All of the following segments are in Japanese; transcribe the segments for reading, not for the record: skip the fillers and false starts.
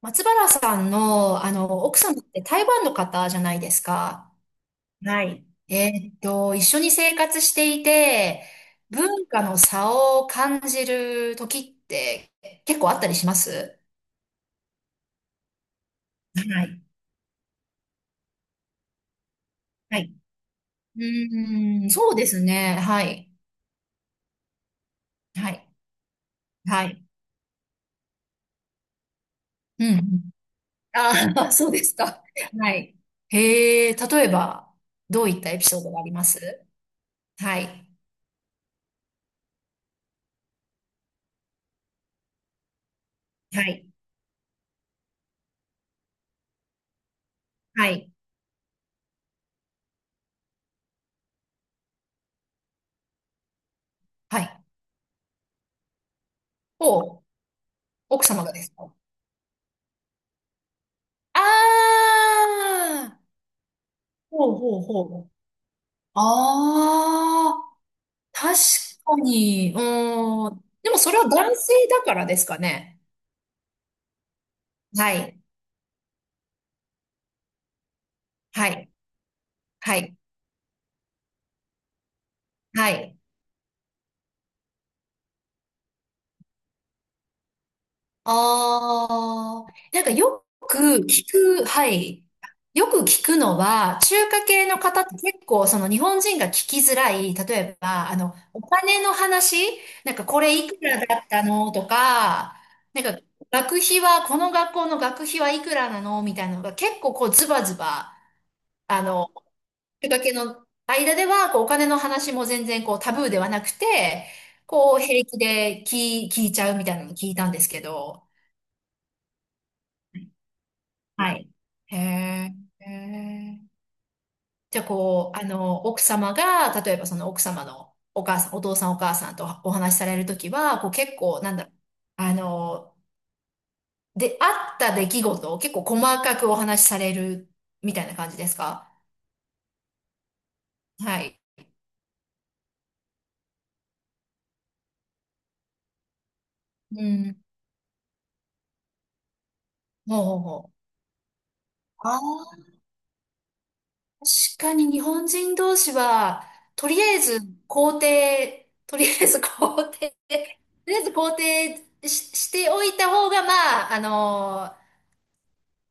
松原さんの、奥さんって台湾の方じゃないですか。はい。一緒に生活していて、文化の差を感じる時って結構あったりします。はい。はい。うーん、そうですね。はい。はい。はい。うんうん。ああ、そうですか。はい。へえ、例えば、どういったエピソードがあります？はい。はい。はい。はい。お、奥様がですか？ああ、ほうほうほう。ああ、確かに、うーん。でもそれは男性だからですかね。はい、はい、はい、はい。ああ、なんかよく聞く、はい。よく聞くのは、中華系の方って結構その日本人が聞きづらい、例えば、お金の話、なんかこれいくらだったのとか、なんか学費は、この学校の学費はいくらなのみたいなのが結構こうズバズバ、あの、中華系の間では、こうお金の話も全然こうタブーではなくて、こう平気で聞いちゃうみたいなのを聞いたんですけど、はい。へえ。へえ。じゃあ、こう、奥様が、例えばその奥様のお母さん、お父さんお母さんとお話しされるときは、こう結構、なんだろう、あの、あった出来事を結構細かくお話しされるみたいな感じですか？はい。うん。ほうほうほう。ああ、確かに日本人同士は、とりあえず肯定、とりあえず肯定、とりあえず肯定し、しておいた方が、まあ、あの、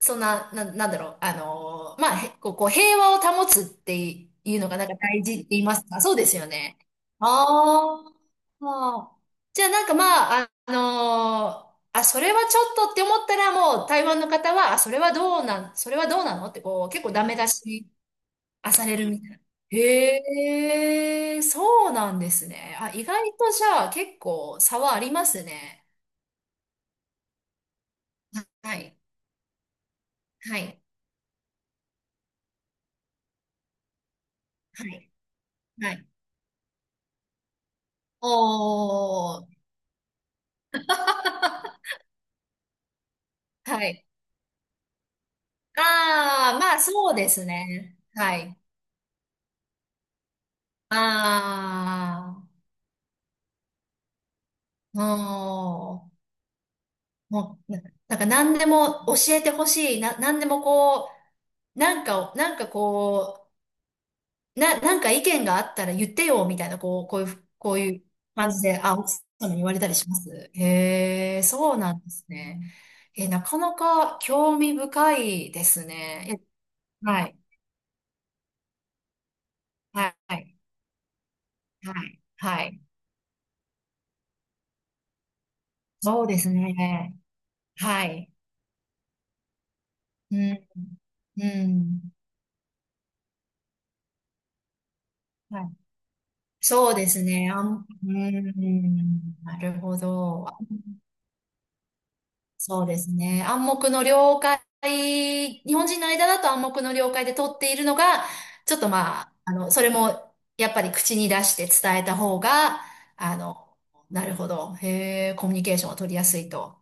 そんな、な、なんだろう、まあ、へこう、こう平和を保つっていうのがなんか大事って言いますか、そうですよね。ああ。じゃあなんかまあ、ーあ、それはちょっとって思ったらもう台湾の方は、あ、それはどうなのってこう、結構ダメ出しされるみたいな。へえ、そうなんですね。あ、意外とじゃあ結構差はありますね。はい。はい。はい。はい。おー。 はい。ああ、まあそうですね。はい。ああ、もう、もう、ななんか何でも教えてほしい。何でもなんかこう、なんか意見があったら言ってよ、みたいな、こう、こういう、こういう感じで、あ、奥様に言われたりします。へえ、そうなんですね。え、なかなか興味深いですね。え、はい。はい。はい。はい。そうですね。はい。うん、うん。はい。そうですね。あん、うん、なるほど。そうですね。暗黙の了解、日本人の間だと暗黙の了解で取っているのが、ちょっとまあ、それもやっぱり口に出して伝えた方が、あの、なるほど。へえ、コミュニケーションを取りやすいと。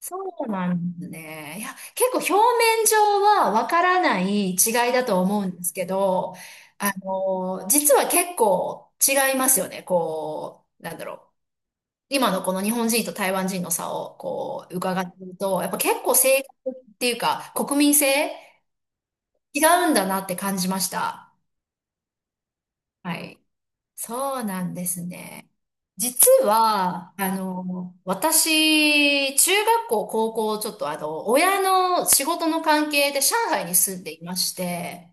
そうなんですね。いや、結構表面上はわからない違いだと思うんですけど、実は結構違いますよね。こう、なんだろう。今のこの日本人と台湾人の差をこう伺っていると、やっぱ結構性格っていうか国民性違うんだなって感じました。はい。そうなんですね。実は、あの、私、中学校、高校、ちょっとあの、親の仕事の関係で上海に住んでいまして、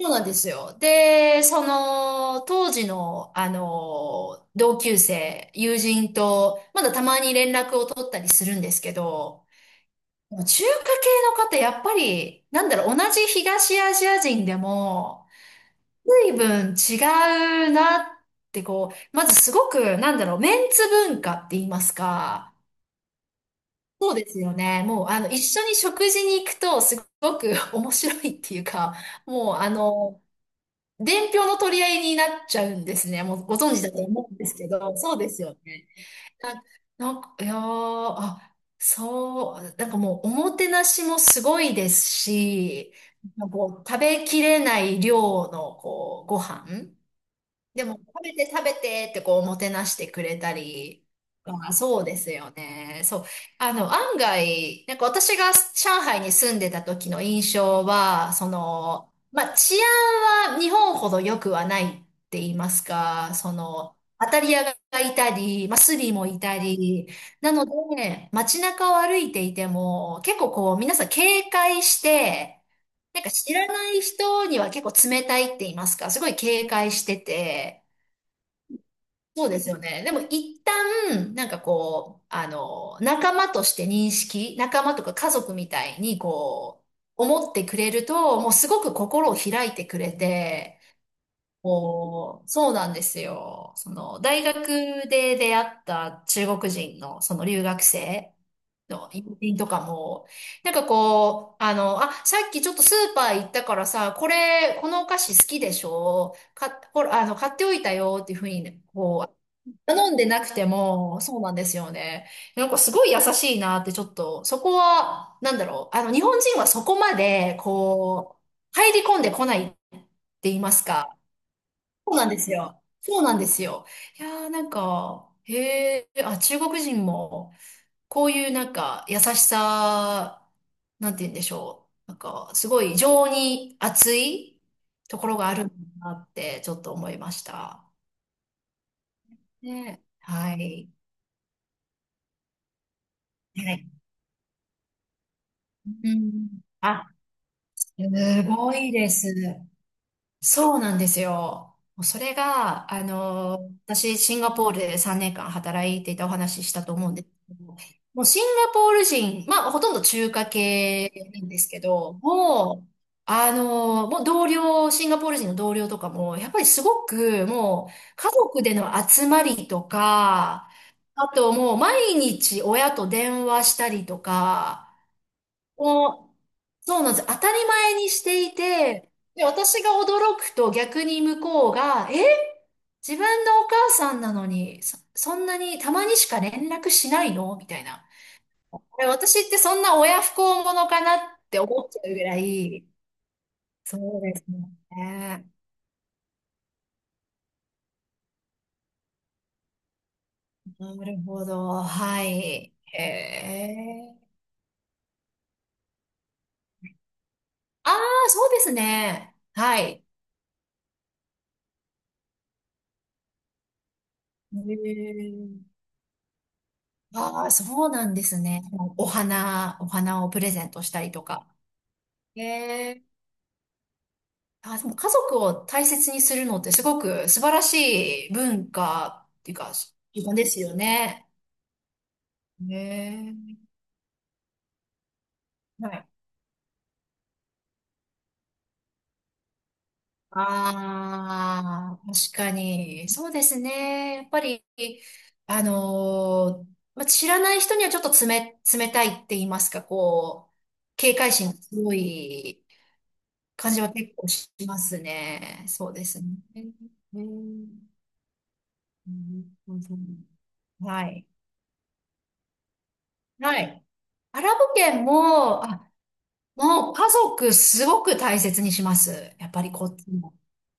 そうなんですよ。で、その、当時の、あの、同級生、友人と、まだたまに連絡を取ったりするんですけど、中華系の方、やっぱり、なんだろう、同じ東アジア人でも、随分違うなってこう、まずすごく、なんだろう、メンツ文化って言いますか。そうですよね。もう、あの、一緒に食事に行くと、すごく 面白いっていうか、もう、あの、伝票の取り合いになっちゃうんですね。もう、ご存知だと思うんですけど、そうですよね。な、なんか、いやー、あ、そう、なんかもう、おもてなしもすごいですし、なんかこう、食べきれない量の、こう、ご飯。でも、食べて食べてってこう、おもてなしてくれたり、まあ、そうですよね。そう。あの、案外、なんか私が上海に住んでた時の印象は、その、まあ、治安は日本ほど良くはないって言いますか、その、当たり屋がいたり、まあ、スリもいたり、なので、街中を歩いていても、結構こう、皆さん警戒して、なんか知らない人には結構冷たいって言いますか、すごい警戒してて、そうですよね。でも一旦、なんかこう、あの、仲間として認識、仲間とか家族みたいにこう、思ってくれると、もうすごく心を開いてくれて、こう、そうなんですよ。その、大学で出会った中国人のその留学生の友人とかも、なんかこう、あの、あ、さっきちょっとスーパー行ったからさ、これ、このお菓子好きでしょか、ほら、あの、買っておいたよっていうふうに、こう、頼んでなくても、そうなんですよね。なんかすごい優しいなってちょっと、そこは、なんだろう。あの、日本人はそこまで、こう、入り込んでこないって言いますか。そうなんですよ。そうなんですよ。いやーなんか、へえ、あ、中国人も、こういうなんか、優しさ、なんて言うんでしょう。なんか、すごい情に熱いところがあるんだなって、ちょっと思いました。ね。はい。はい。うん。あ、すごいです。そうなんですよ。もうそれが、あの、私、シンガポールで3年間働いていたお話ししたと思うんですけど、もうシンガポール人、まあ、ほとんど中華系なんですけど、もう、あの、もう同僚、シンガポール人の同僚とかも、やっぱりすごく、もう、家族での集まりとか、あともう毎日親と電話したりとか、もう、そうなんです。当たり前にしていて、で、私が驚くと逆に向こうが、え、自分のお母さんなのに、そんなにたまにしか連絡しないのみたいな。え、私ってそんな親不孝者かなって思っちゃうぐらい。そうですもんね。なるほど。はい。へえ。ああ、そうですね。はい。へえ。ああ、そうなんですね。お花、お花をプレゼントしたりとか。へえ。あ、でも家族を大切にするのってすごく素晴らしい文化っていうか、習慣ですよね。ええ。はい。ああ、確かに。そうですね。やっぱり、あのーまあ、知らない人にはちょっと冷たいって言いますか、こう、警戒心が強い。感じは結構しますね。そうですね。えー、えー、う、うん、うん、はい。はい。アラブ圏も、あ、もう家族すごく大切にします。やっぱりこっちも。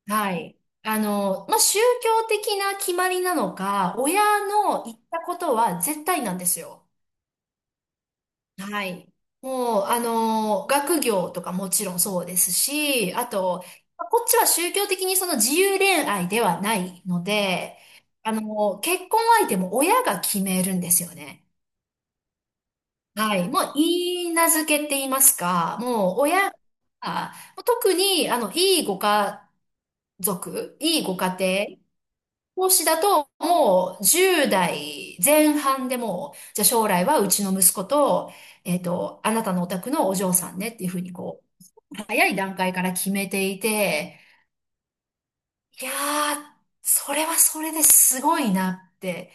はい。あの、まあ、宗教的な決まりなのか、親の言ったことは絶対なんですよ。はい。もう、あの、学業とかもちろんそうですし、あと、こっちは宗教的にその自由恋愛ではないので、あの、結婚相手も親が決めるんですよね。はい。もう、いいなずけって言いますか、もう、親が、特に、あの、いいご家庭投資だと、もう10代前半でもう、じゃあ将来はうちの息子と、えっと、あなたのお宅のお嬢さんねっていうふうにこう、早い段階から決めていて、いやー、それはそれですごいなって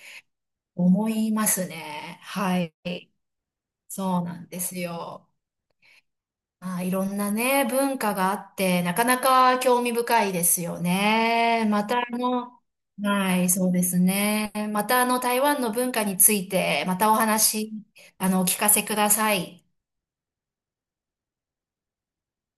思いますね。はい。そうなんですよ。まあ、いろんなね、文化があって、なかなか興味深いですよね。またあの、はい、そうですね。またあの、台湾の文化について、またお話、あの、お聞かせください。